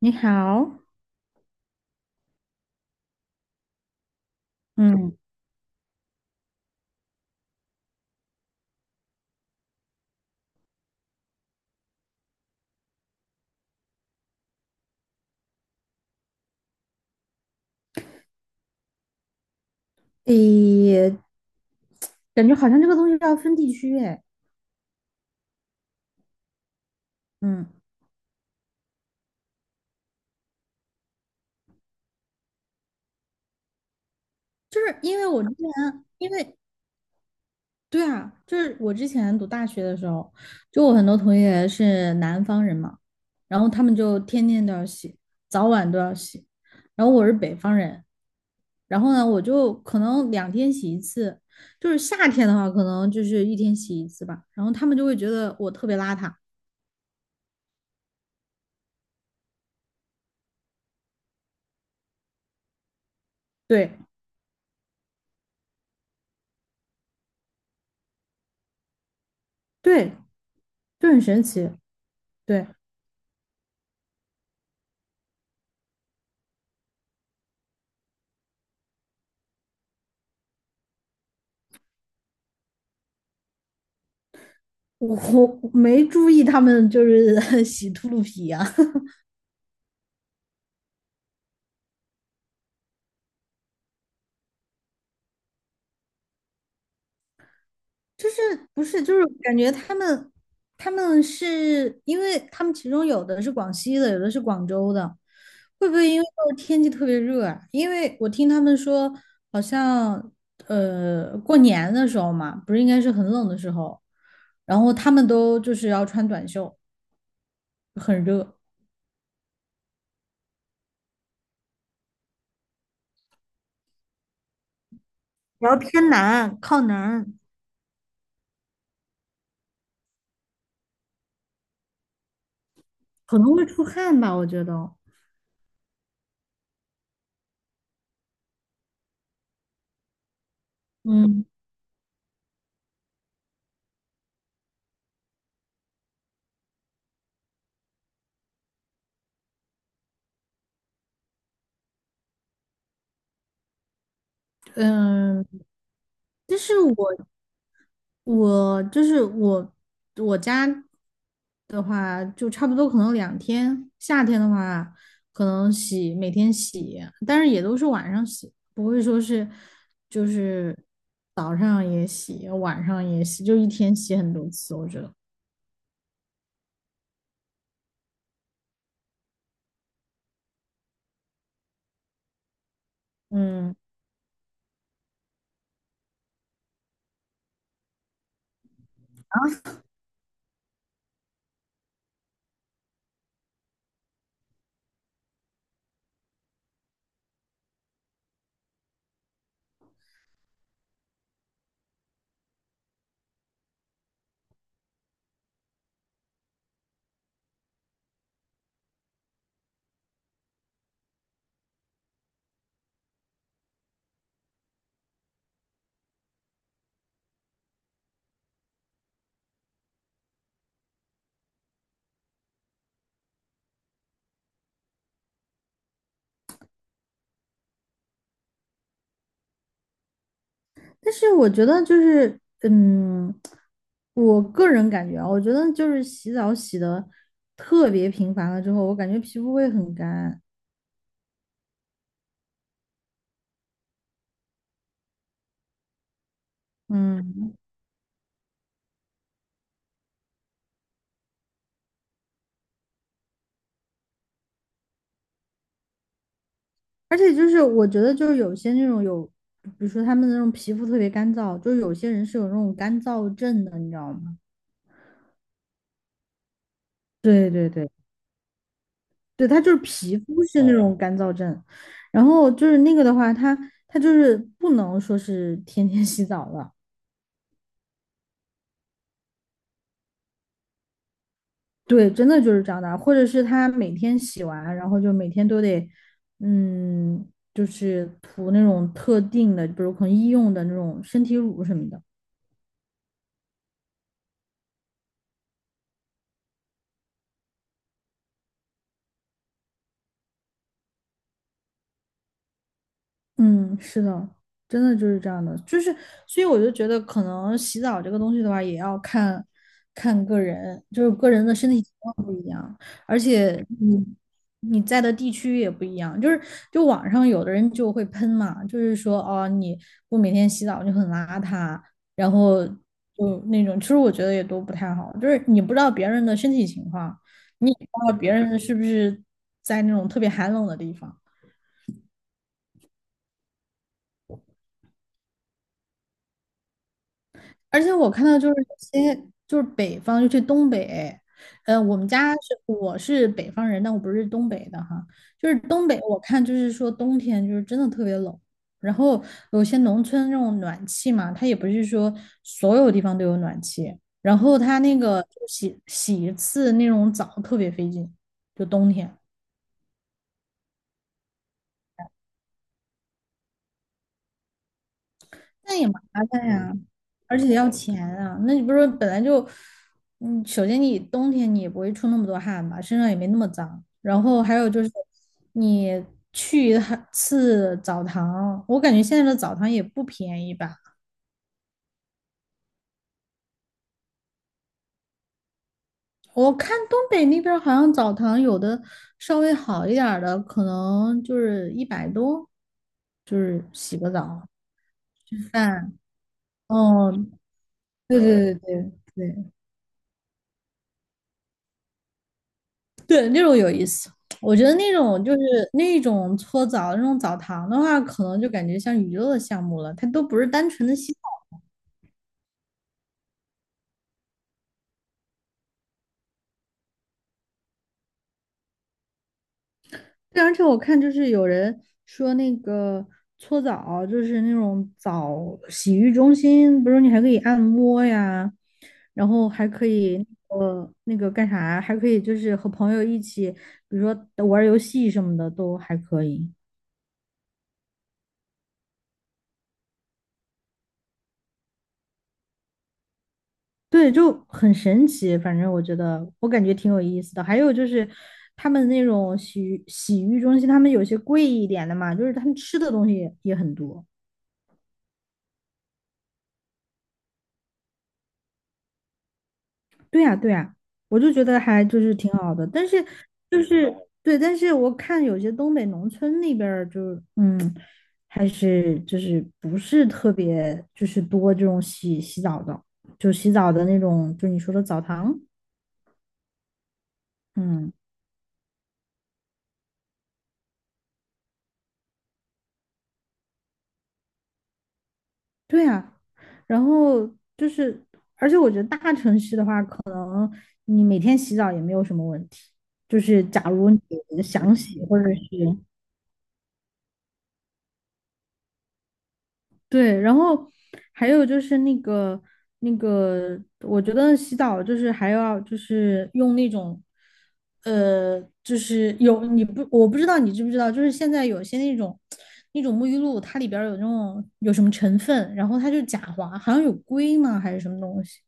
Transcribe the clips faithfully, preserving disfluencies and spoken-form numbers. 你好，嗯，诶，感觉好像这个东西要分地区诶，嗯，就是因为我之前，因为对啊，就是我之前读大学的时候，就我很多同学是南方人嘛，然后他们就天天都要洗，早晚都要洗，然后我是北方人，然后呢，我就可能两天洗一次，就是夏天的话，可能就是一天洗一次吧，然后他们就会觉得我特别邋遢，对对，就很神奇，对。我我没注意他们就是 洗秃噜皮啊，就是不是就是感觉他们他们是因为他们其中有的是广西的，有的是广州的，会不会因为就是天气特别热啊？因为我听他们说，好像呃过年的时候嘛，不是应该是很冷的时候，然后他们都就是要穿短袖，很热，然后偏南靠南，可能会出汗吧，我觉得。嗯嗯，就是我，我就是我，我家的话就差不多，可能两天。夏天的话，可能洗每天洗，但是也都是晚上洗，不会说是就是早上也洗，晚上也洗，就一天洗很多次。我觉得，嗯，但是我觉得就是，嗯，我个人感觉啊，我觉得就是洗澡洗的特别频繁了之后，我感觉皮肤会很干，嗯。而且就是我觉得就是有些那种有，比如说他们那种皮肤特别干燥，就是有些人是有那种干燥症的，你知道吗？对对对对，他就是皮肤是那哦种干燥症，然后就是那个的话，他他就是不能说是天天 洗澡了，对，真的就是这样的，或者是他每天洗完，然后就每天都得，嗯，就是涂那种特定的，比如可能医用的那种身体乳什么的。嗯，是的，真的就是这样的，就是，所以我就觉得，可能洗澡这个东西的话，也要看看个人，就是个人的身体情况不一样，而且你你在的地区也不一样，就是就网上有的人就会喷嘛，就是说哦，你不每天洗澡就很邋遢，然后就那种，其实我觉得也都不太好，就是你不知道别人的身体情况，你也不知道别人是不是在那种特别寒冷的地方。而且我看到就是有些就是北方，尤其东北，呃，我们家是我是北方人，但我不是东北的哈。就是东北，我看就是说冬天就是真的特别冷，然后有些农村那种暖气嘛，它也不是说所有地方都有暖气，然后它那个就洗洗一次那种澡特别费劲，就冬天。那也麻烦呀，而且要钱啊。那你不是本来就，嗯，首先你冬天你也不会出那么多汗吧，身上也没那么脏。然后还有就是，你去一趟次澡堂，我感觉现在的澡堂也不便宜吧。我看东北那边儿好像澡堂有的稍微好一点儿的，可能就是一百多，就是洗个澡、吃饭。哦，对对对对对。对，那种有意思。我觉得那种就是那种搓澡、那种澡堂的话，可能就感觉像娱乐的项目了，它都不是单纯的洗澡。对，而且我看就是有人说那个搓澡，就是那种澡洗浴中心，不是你还可以按摩呀，然后还可以呃那个干啥，还可以就是和朋友一起，比如说玩儿游戏什么的都还可以。对，就很神奇。反正我觉得，我感觉挺有意思的。还有就是，他们那种洗浴洗浴中心，他们有些贵一点的嘛，就是他们吃的东西也也很多。对呀，对呀，我就觉得还就是挺好的。但是就是对，但是我看有些东北农村那边儿就是嗯，还是就是不是特别就是多这种洗洗澡的，就洗澡的那种，就你说的澡堂，嗯。对啊，然后就是，而且我觉得大城市的话，可能你每天洗澡也没有什么问题。就是假如你想洗，或者是对，然后还有就是那个那个，我觉得洗澡就是还要就是用那种，呃，就是有你不我不知道你知不知道，就是现在有些那种那种沐浴露，它里边儿有那种有什么成分，然后它就假滑，好像有硅吗还是什么东西。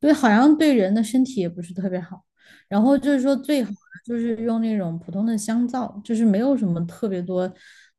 对，好像对人的身体也不是特别好。然后就是说，最好的就是用那种普通的香皂，就是没有什么特别多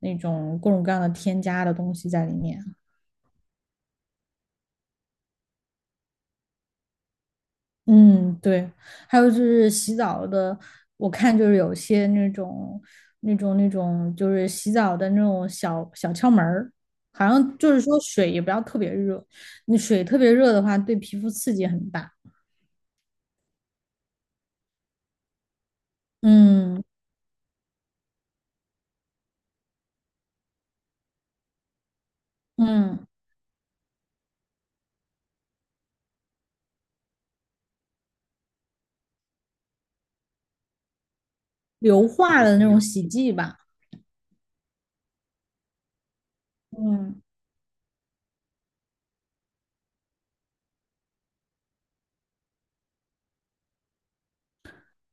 那种各种各样的添加的东西在里面。嗯，对。还有就是洗澡的，我看就是有些那种、那种、那种，就是洗澡的那种小小窍门儿，好像就是说水也不要特别热，你水特别热的话，对皮肤刺激很大。嗯嗯，硫化的那种洗剂吧。嗯。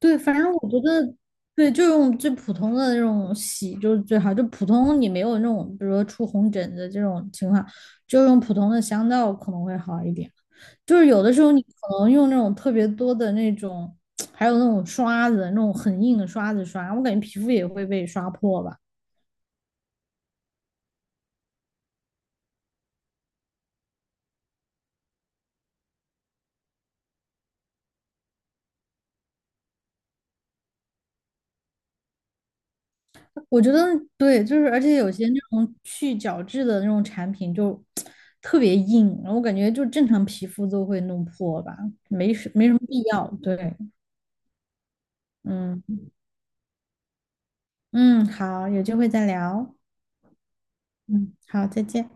对，反正我觉得，对，就用最普通的那种洗就是最好。就普通你没有那种，比如说出红疹子这种情况，就用普通的香皂可能会好一点。就是有的时候你可能用那种特别多的那种，还有那种刷子，那种很硬的刷子刷，我感觉皮肤也会被刷破吧。我觉得对，就是而且有些那种去角质的那种产品就 特别硬，然后我感觉就正常皮肤都会弄破吧，没什没什么必要。对，嗯。嗯，好，有机会再聊。嗯，好，再见。